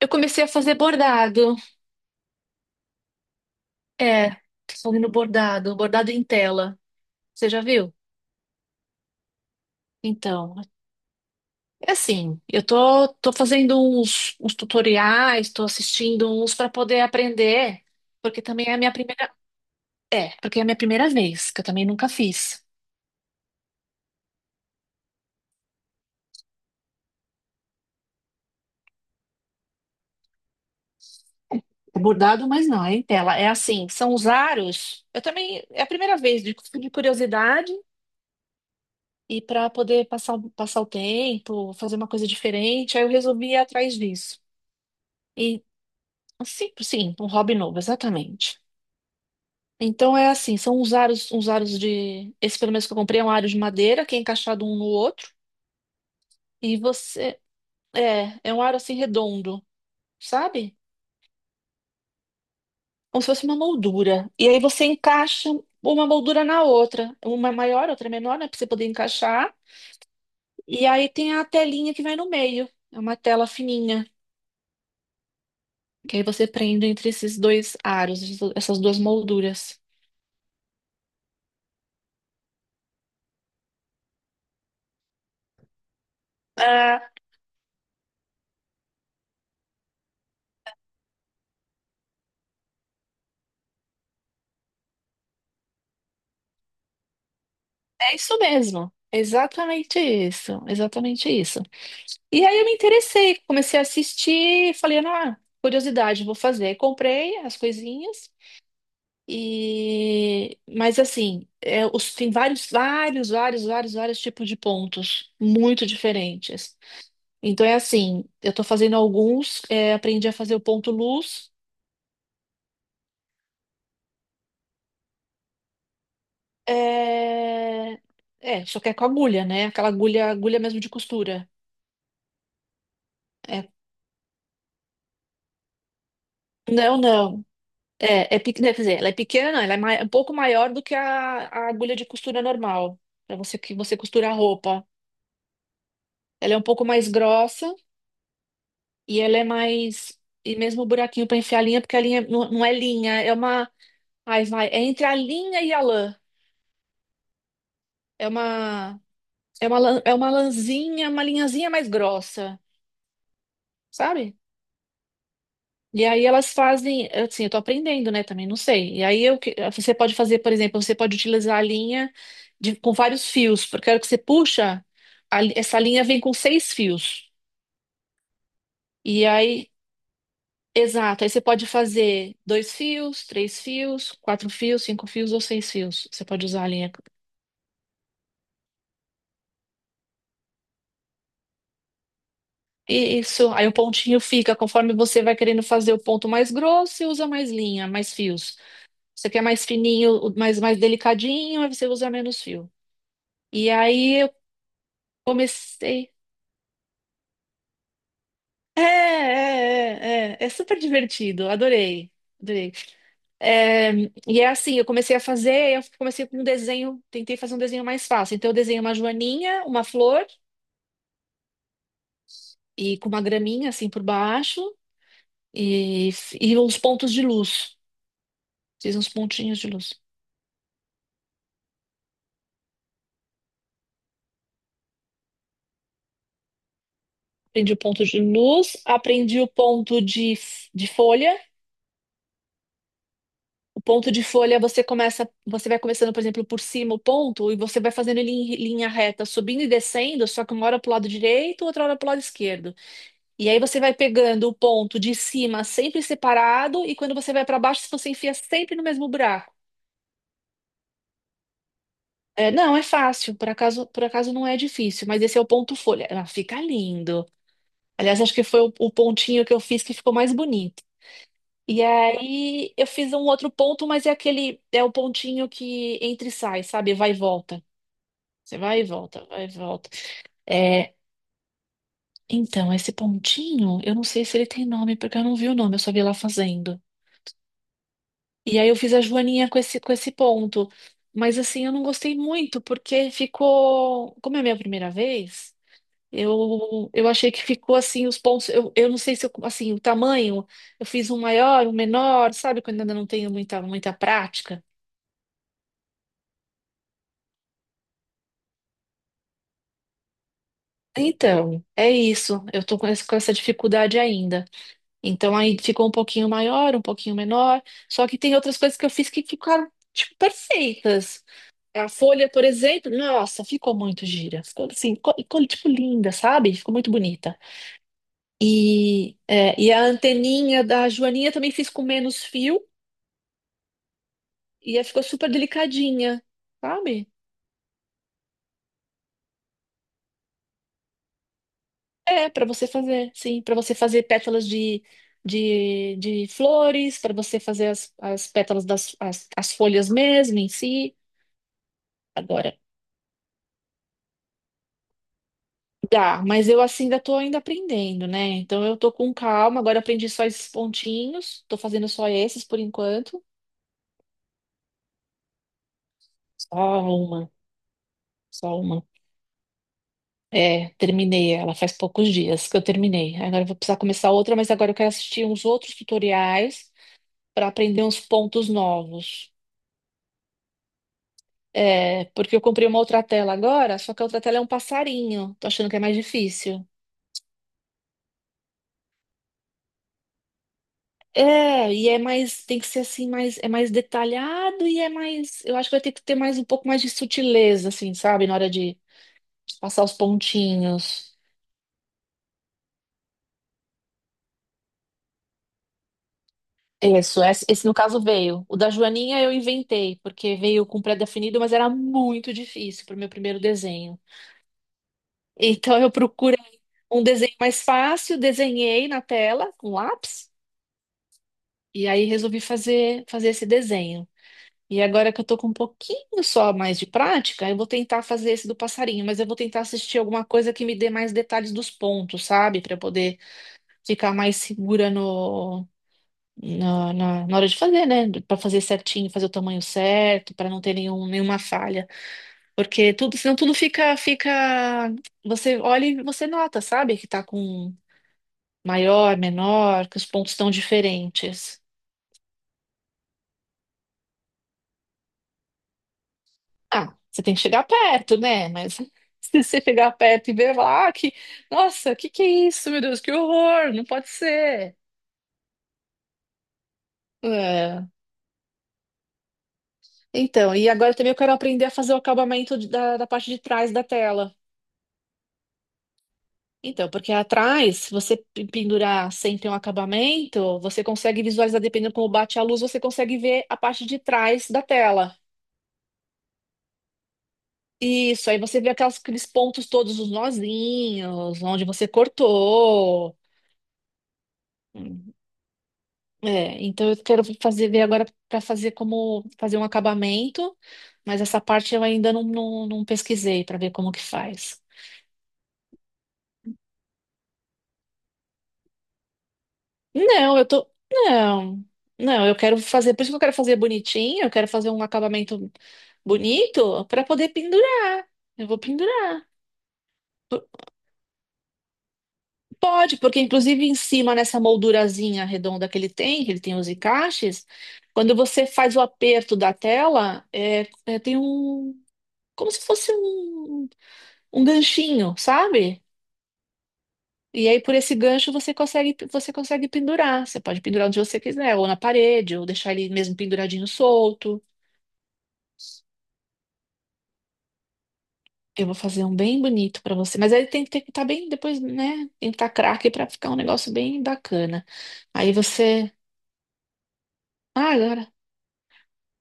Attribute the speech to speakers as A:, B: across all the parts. A: Eu comecei a fazer bordado. É, tô fazendo bordado, bordado em tela. Você já viu? Então, é assim, eu tô fazendo uns tutoriais, tô assistindo uns para poder aprender, porque também é a minha primeira, é, porque é a minha primeira vez, que eu também nunca fiz. É bordado, mas não, é em tela. É assim, são os aros. Eu também, é a primeira vez, de curiosidade e para poder passar, passar o tempo, fazer uma coisa diferente, aí eu resolvi ir atrás disso. E Sim, sim, um hobby novo, exatamente. Então é assim, são uns aros de. Esse pelo menos que eu comprei é um aro de madeira que é encaixado um no outro. E você. É, é um aro assim redondo, sabe? Como se fosse uma moldura. E aí você encaixa uma moldura na outra. Uma é maior, outra é menor, né? Pra você poder encaixar. E aí tem a telinha que vai no meio. É uma tela fininha. Que aí você prende entre esses dois aros, essas duas molduras. Ah, é isso mesmo. Exatamente isso. Exatamente isso. E aí eu me interessei, comecei a assistir, falei, ah, curiosidade, vou fazer. Aí comprei as coisinhas e mas assim, é, tem vários, vários, vários, vários, vários tipos de pontos muito diferentes. Então é assim, eu tô fazendo alguns, é, aprendi a fazer o ponto luz. É... é, só que é com agulha, né? Aquela agulha, agulha mesmo de costura. É, não, não. É, é, quer dizer, ela é pequena, ela é um pouco maior do que a agulha de costura normal, para você que você costura a roupa. Ela é um pouco mais grossa e ela é mais. E mesmo o buraquinho para enfiar a linha, porque a linha não é linha, é uma. Ai, vai, é entre a linha e a lã. É uma. É uma, é uma lãzinha, uma linhazinha mais grossa, sabe? E aí elas fazem, assim, eu tô aprendendo, né, também, não sei. E aí eu, você pode fazer, por exemplo, você pode utilizar a linha com vários fios, porque a hora que você puxa, essa linha vem com 6 fios. E aí, exato, aí você pode fazer 2 fios, 3 fios, 4 fios, 5 fios ou 6 fios. Você pode usar a linha. E isso, aí o pontinho fica, conforme você vai querendo fazer o ponto mais grosso, você usa mais linha, mais fios. Você quer mais fininho, mais, mais delicadinho, aí você usa menos fio. E aí Comecei. É super divertido, adorei, adorei. É, e é assim, eu comecei a fazer, eu comecei com um desenho, tentei fazer um desenho mais fácil. Então eu desenhei uma joaninha, uma flor e com uma graminha assim por baixo e, e uns pontos de luz. Fiz uns pontinhos de luz. Aprendi o ponto de luz, aprendi o ponto de folha. O ponto de folha você começa, você vai começando, por exemplo, por cima o ponto e você vai fazendo ele em linha reta, subindo e descendo, só que uma hora para o lado direito, outra hora para o lado esquerdo. E aí você vai pegando o ponto de cima sempre separado e quando você vai para baixo, você enfia sempre no mesmo buraco. É, não, é fácil, por acaso não é difícil, mas esse é o ponto folha. Ah, fica lindo. Aliás, acho que foi o pontinho que eu fiz que ficou mais bonito. E aí eu fiz um outro ponto, mas é aquele, é o pontinho que entra e sai, sabe? Vai e volta. Você vai e volta, vai e volta. É, então, esse pontinho, eu não sei se ele tem nome, porque eu não vi o nome, eu só vi lá fazendo. E aí eu fiz a joaninha com esse ponto. Mas assim, eu não gostei muito, porque ficou. Como é a minha primeira vez, eu achei que ficou assim, os pontos. Eu não sei se eu, assim, o tamanho, eu fiz um maior, um menor, sabe? Quando ainda não tenho muita, muita prática. Então, é isso. Eu tô com com essa dificuldade ainda. Então aí ficou um pouquinho maior, um pouquinho menor. Só que tem outras coisas que eu fiz que ficaram, tipo, perfeitas. A folha, por exemplo, nossa, ficou muito gira. Ficou assim, tipo, linda, sabe? Ficou muito bonita. E, é, e a anteninha da Joaninha também fiz com menos fio e aí ficou super delicadinha, sabe? É, para você fazer, sim, para você fazer pétalas de flores, para você fazer as, as pétalas das as, as folhas mesmo em si. Agora, dá, mas eu assim ainda tô ainda aprendendo, né? Então eu tô com calma, agora aprendi só esses pontinhos, tô fazendo só esses por enquanto. Só uma, só uma. É, terminei ela faz poucos dias que eu terminei. Agora eu vou precisar começar outra, mas agora eu quero assistir uns outros tutoriais para aprender uns pontos novos. É, porque eu comprei uma outra tela agora, só que a outra tela é um passarinho. Tô achando que é mais difícil. É, e é mais, tem que ser assim, mais, é mais detalhado e é mais, eu acho que vai ter que ter mais um pouco mais de sutileza, assim, sabe, na hora de passar os pontinhos. Isso, esse no caso veio. O da Joaninha eu inventei, porque veio com pré-definido, mas era muito difícil para o meu primeiro desenho. Então eu procurei um desenho mais fácil, desenhei na tela com lápis e aí resolvi fazer, fazer esse desenho. E agora que eu tô com um pouquinho só mais de prática, eu vou tentar fazer esse do passarinho, mas eu vou tentar assistir alguma coisa que me dê mais detalhes dos pontos, sabe? Para poder ficar mais segura no, na hora de fazer, né? Para fazer certinho, fazer o tamanho certo, para não ter nenhum, nenhuma falha. Porque tudo, senão tudo fica, fica. Você olha e você nota, sabe? Que tá com maior, menor, que os pontos estão diferentes. Ah, você tem que chegar perto, né? Mas se você chegar perto e ver lá ah, que, nossa, que é isso, meu Deus, que horror, não pode ser. É. Então, e agora também eu quero aprender a fazer o acabamento da, da parte de trás da tela. Então, porque atrás, se você pendurar sempre um acabamento, você consegue visualizar, dependendo como bate a luz, você consegue ver a parte de trás da tela. Isso, aí você vê aqueles pontos todos, os nozinhos, onde você cortou. É, então eu quero fazer ver agora para fazer como fazer um acabamento, mas essa parte eu ainda não pesquisei para ver como que faz. Não, eu tô. Não, não, eu quero fazer, por isso que eu quero fazer bonitinho, eu quero fazer um acabamento bonito para poder pendurar. Eu vou pendurar. P- Pode, porque inclusive em cima nessa moldurazinha redonda que ele tem os encaixes, quando você faz o aperto da tela, é, é, tem um. Como se fosse um. Um ganchinho, sabe? E aí por esse gancho você consegue pendurar. Você pode pendurar onde você quiser, ou na parede, ou deixar ele mesmo penduradinho solto. Eu vou fazer um bem bonito pra você, mas aí tem que ter que estar bem depois, né? Tem que estar craque pra ficar um negócio bem bacana. Aí você, ah, agora,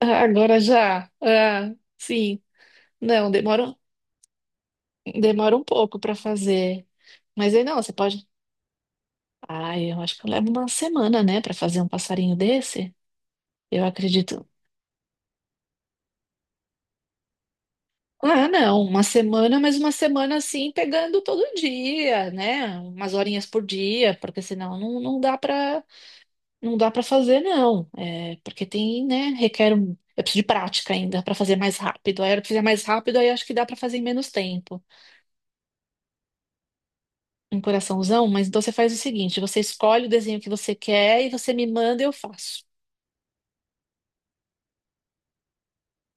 A: ah, agora já, ah, sim, não, demora, demora um pouco pra fazer, mas aí não, você pode. Ah, eu acho que eu levo uma semana, né, pra fazer um passarinho desse. Eu acredito, ah, não, uma semana, mas uma semana assim, pegando todo dia, né? Umas horinhas por dia, porque senão não, não dá para fazer não. É, porque tem, né, requer um, eu preciso de prática ainda para fazer mais rápido. Aí eu fizer mais rápido, aí acho que dá para fazer em menos tempo. Um coraçãozão, mas então você faz o seguinte, você escolhe o desenho que você quer e você me manda e eu faço.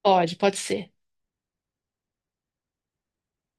A: Pode, pode ser.